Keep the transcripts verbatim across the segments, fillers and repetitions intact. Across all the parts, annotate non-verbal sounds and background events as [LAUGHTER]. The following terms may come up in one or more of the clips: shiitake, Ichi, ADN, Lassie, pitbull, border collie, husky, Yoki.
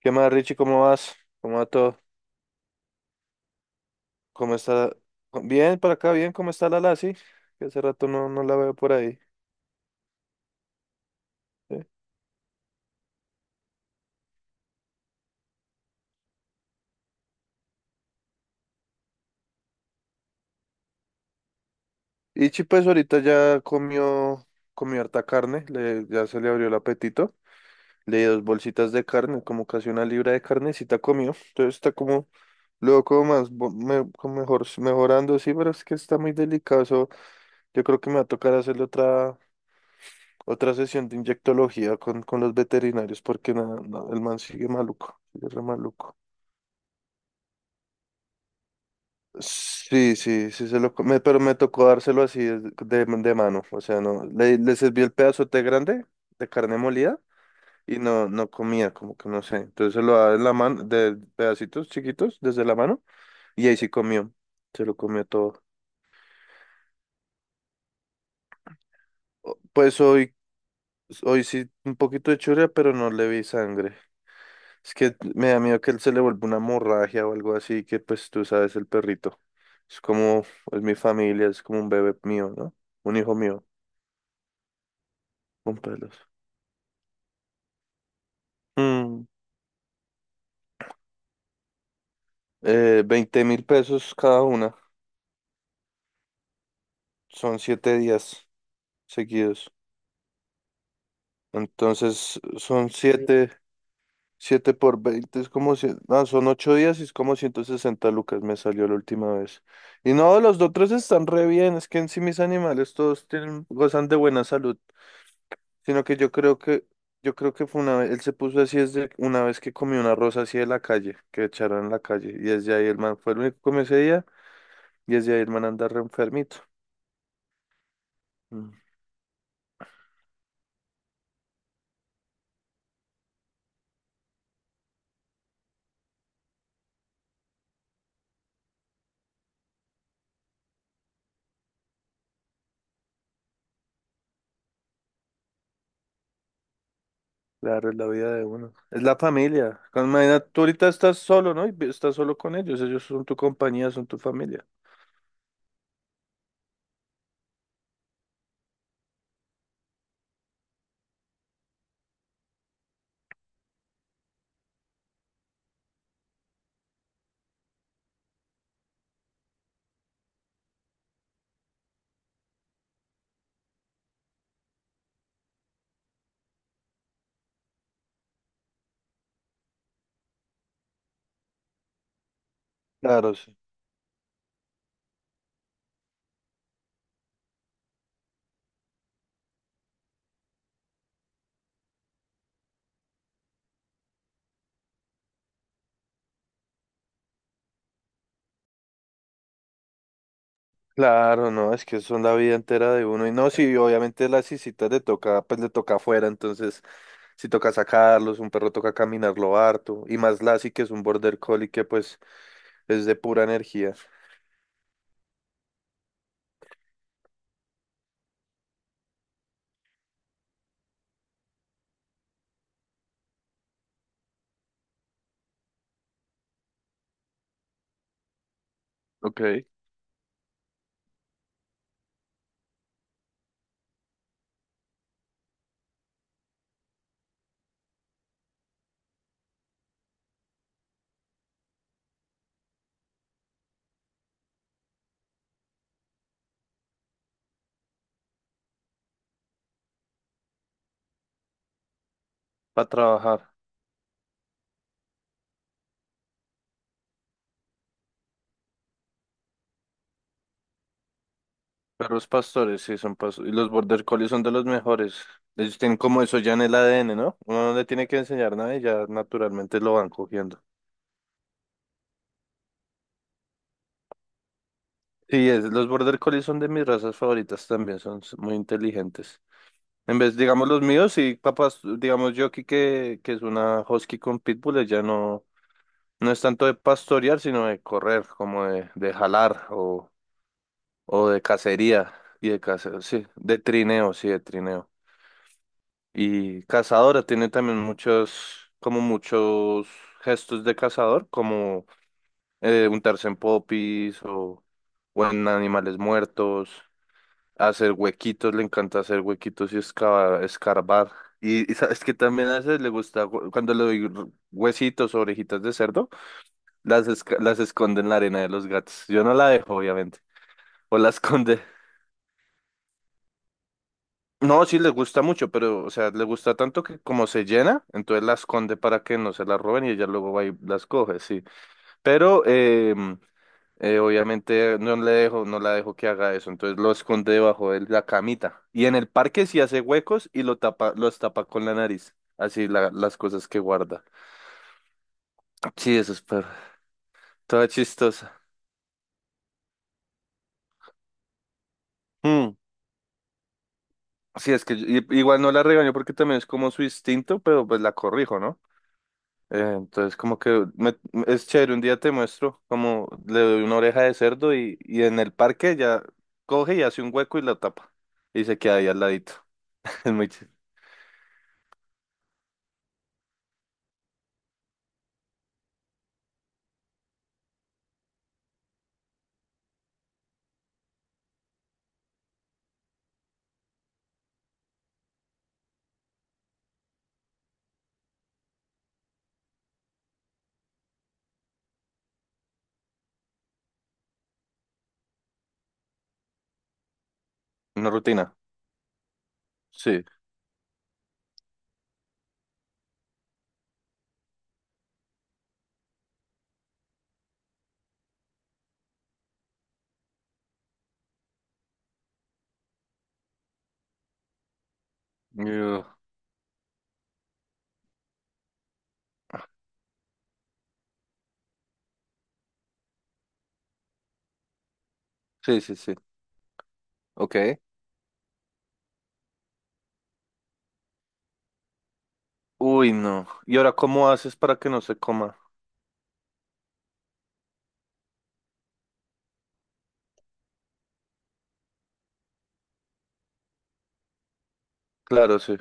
¿Qué más, Richie? ¿Cómo vas? ¿Cómo va todo? ¿Cómo está? Bien, por acá, bien. ¿Cómo está la Lassie? Que hace rato no, no la veo por ahí. ¿Sí? Ichi, pues ahorita ya comió, comió harta carne, le, ya se le abrió el apetito. Le di dos bolsitas de carne, como casi una libra de carnecita comió. Entonces está como, luego como más, bo- me- como mejor, mejorando, sí, pero es que está muy delicado. Eso, yo creo que me va a tocar hacerle otra, otra sesión de inyectología con, con los veterinarios, porque nada, no, el man sigue maluco, sigue re maluco. Sí, sí, sí, se lo, co- me- pero me tocó dárselo así es- de, de mano, o sea, no, le, le serví el pedazote grande de carne molida y no, no comía, como que no sé, entonces se lo daba en la mano, de pedacitos chiquitos desde la mano y ahí sí comió, se lo comió todo. O- Pues hoy, hoy sí un poquito de churia, pero no le vi sangre. Es que me da miedo que él se le vuelva una hemorragia o algo así, que pues tú sabes, el perrito, es como, es mi familia, es como un bebé mío, ¿no? Un hijo mío, con pelos. Mm, eh, veinte mil pesos cada una. Son siete días seguidos. Entonces son siete, siete por veinte es como, cien- ah, son ocho días y es como ciento sesenta lucas me salió la última vez. Y no, los otros están re bien, es que en sí mis animales todos tienen, gozan de buena salud, sino que yo creo que, yo creo que fue una vez, él se puso así desde una vez que comió una rosa así de la calle, que echaron en la calle, y desde ahí el man fue el único que comió ese día, y desde ahí el man anda re enfermito. Claro, es la vida de uno. Es la familia. Con- Imagina, tú ahorita estás solo, ¿no? Y vi- estás solo con ellos. Ellos son tu compañía, son tu familia. Claro, sí. Claro, no, es que son la vida entera de uno. Y no, sí, obviamente las cisitas le toca, pues le toca afuera, entonces si toca sacarlos, un perro toca caminarlo harto. Y más Lassie, que es un border collie que pues es de pura energía. Ok. Para trabajar. Perros pastores, sí, son pastores. Y los border collies son de los mejores. Ellos tienen como eso ya en el A D N, ¿no? Uno no le tiene que enseñar nada y ya naturalmente lo van cogiendo. Sí, es, los border collies son de mis razas favoritas también, son s- muy inteligentes. En vez, digamos, los míos, sí, capaz, digamos, yo aquí que, que es una husky con pitbull, ya no, no es tanto de pastorear, sino de correr, como de, de jalar o, o de cacería y de cacería, sí, de trineo, sí, de trineo. Y cazadora tiene también muchos, como muchos gestos de cazador, como eh, untarse en popis o, o en animales muertos, hacer huequitos, le encanta hacer huequitos y escavar, escarbar. Y, y sabes que también a veces le gusta, gu- cuando le doy r- huesitos o orejitas de cerdo, las, esca- las esconde en la arena de los gatos. Yo no la dejo, obviamente, o la [LAUGHS] esconde. No, sí le gusta mucho, pero, o sea, le gusta tanto que como se llena, entonces la esconde para que no se la roben y ella luego va y las coge, sí. Pero eh, eh, obviamente no le dejo, no la dejo que haga eso, entonces lo esconde debajo de la camita. Y en el parque sí hace huecos y lo tapa, los tapa con la nariz. Así la- las cosas que guarda. Sí, eso es perro. Toda chistosa. Mm. Sí, es que yo- i- igual no la regaño porque también es como su instinto, pero pues la corrijo, ¿no? Eh, entonces, como que me- es chévere, un día te muestro como le doy una oreja de cerdo y, y en el parque ya coge y hace un hueco y la tapa. Y se queda ahí al ladito. [LAUGHS] Es muy chévere. Una rutina. Sí. Yo- Sí, sí, sí. Ok. Uy, no. ¿Y ahora cómo haces para que no se coma? Claro, sí.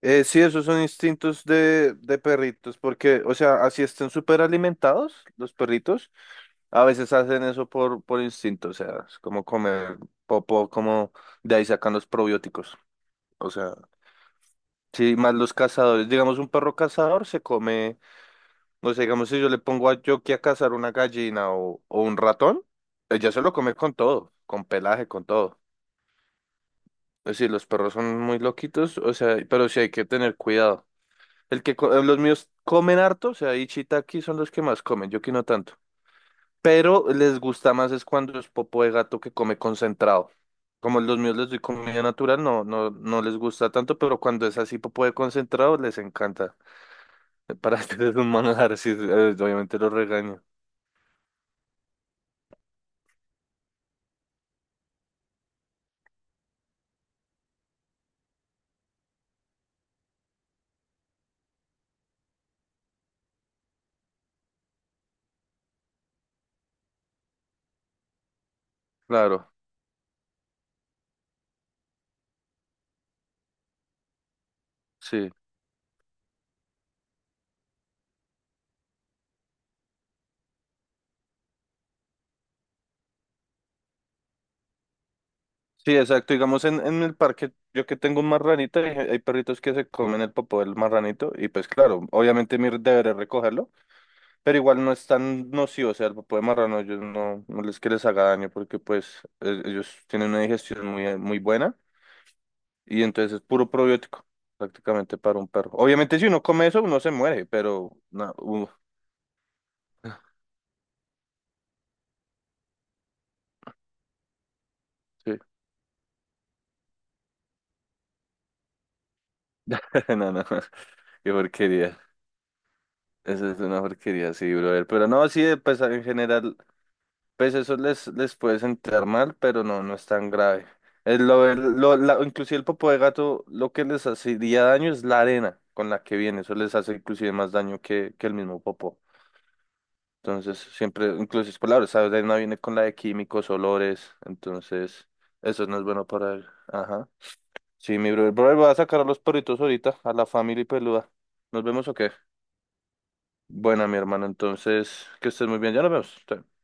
Eh, sí, esos son instintos de, de perritos, porque, o sea, así estén súper alimentados los perritos, a veces hacen eso por, por instinto, o sea, es como comer popo, como de ahí sacan los probióticos, o sea, sí, más los cazadores, digamos, un perro cazador se come, no sé, digamos, si yo le pongo a Yoki a cazar una gallina o, o un ratón, ella se lo come con todo, con pelaje, con todo. Es decir, los perros son muy loquitos, o sea, pero sí hay que tener cuidado. El que co- los míos comen harto, o sea, y shiitake son los que más comen, yo que no tanto. Pero les gusta más es cuando es popo de gato que come concentrado. Como los míos les doy comida natural, no, no, no les gusta tanto, pero cuando es así popo de concentrado, les encanta. Para [LAUGHS] hacer es un manjar, sí, eh, obviamente los regaño. Claro, sí. Sí, exacto. Digamos, en, en el parque, yo que tengo un marranito, hay, hay perritos que se comen el popo del marranito, y pues claro, obviamente mi deber es recogerlo. Pero igual no es tan nocivo, o sea, el popó de marrano ellos no, no les que les haga daño porque pues e- ellos tienen una digestión muy, eh, muy buena y entonces es puro probiótico prácticamente para un perro. Obviamente si uno come eso uno se muere, pero no, uf, sí, [LAUGHS] no, no, [LAUGHS] qué porquería. Eso es una porquería, sí, brother. Pero no, sí, pues en general. Pues eso les, les puede sentar mal, pero no, no es tan grave. Es lo, el- lo- la- inclusive el popo de gato lo que les hacería daño es la arena con la que viene. Eso les hace inclusive más daño que, que el mismo popó. Entonces, siempre, inclusive por la hora, esa arena viene con la de químicos, olores. Entonces, eso no es bueno para él. Ajá. Sí, mi brother. Brother, voy a sacar a los perritos ahorita, a la familia peluda. ¿Nos vemos o qué? Buena, mi hermano. Entonces, que estés muy bien. Ya nos vemos. Chao.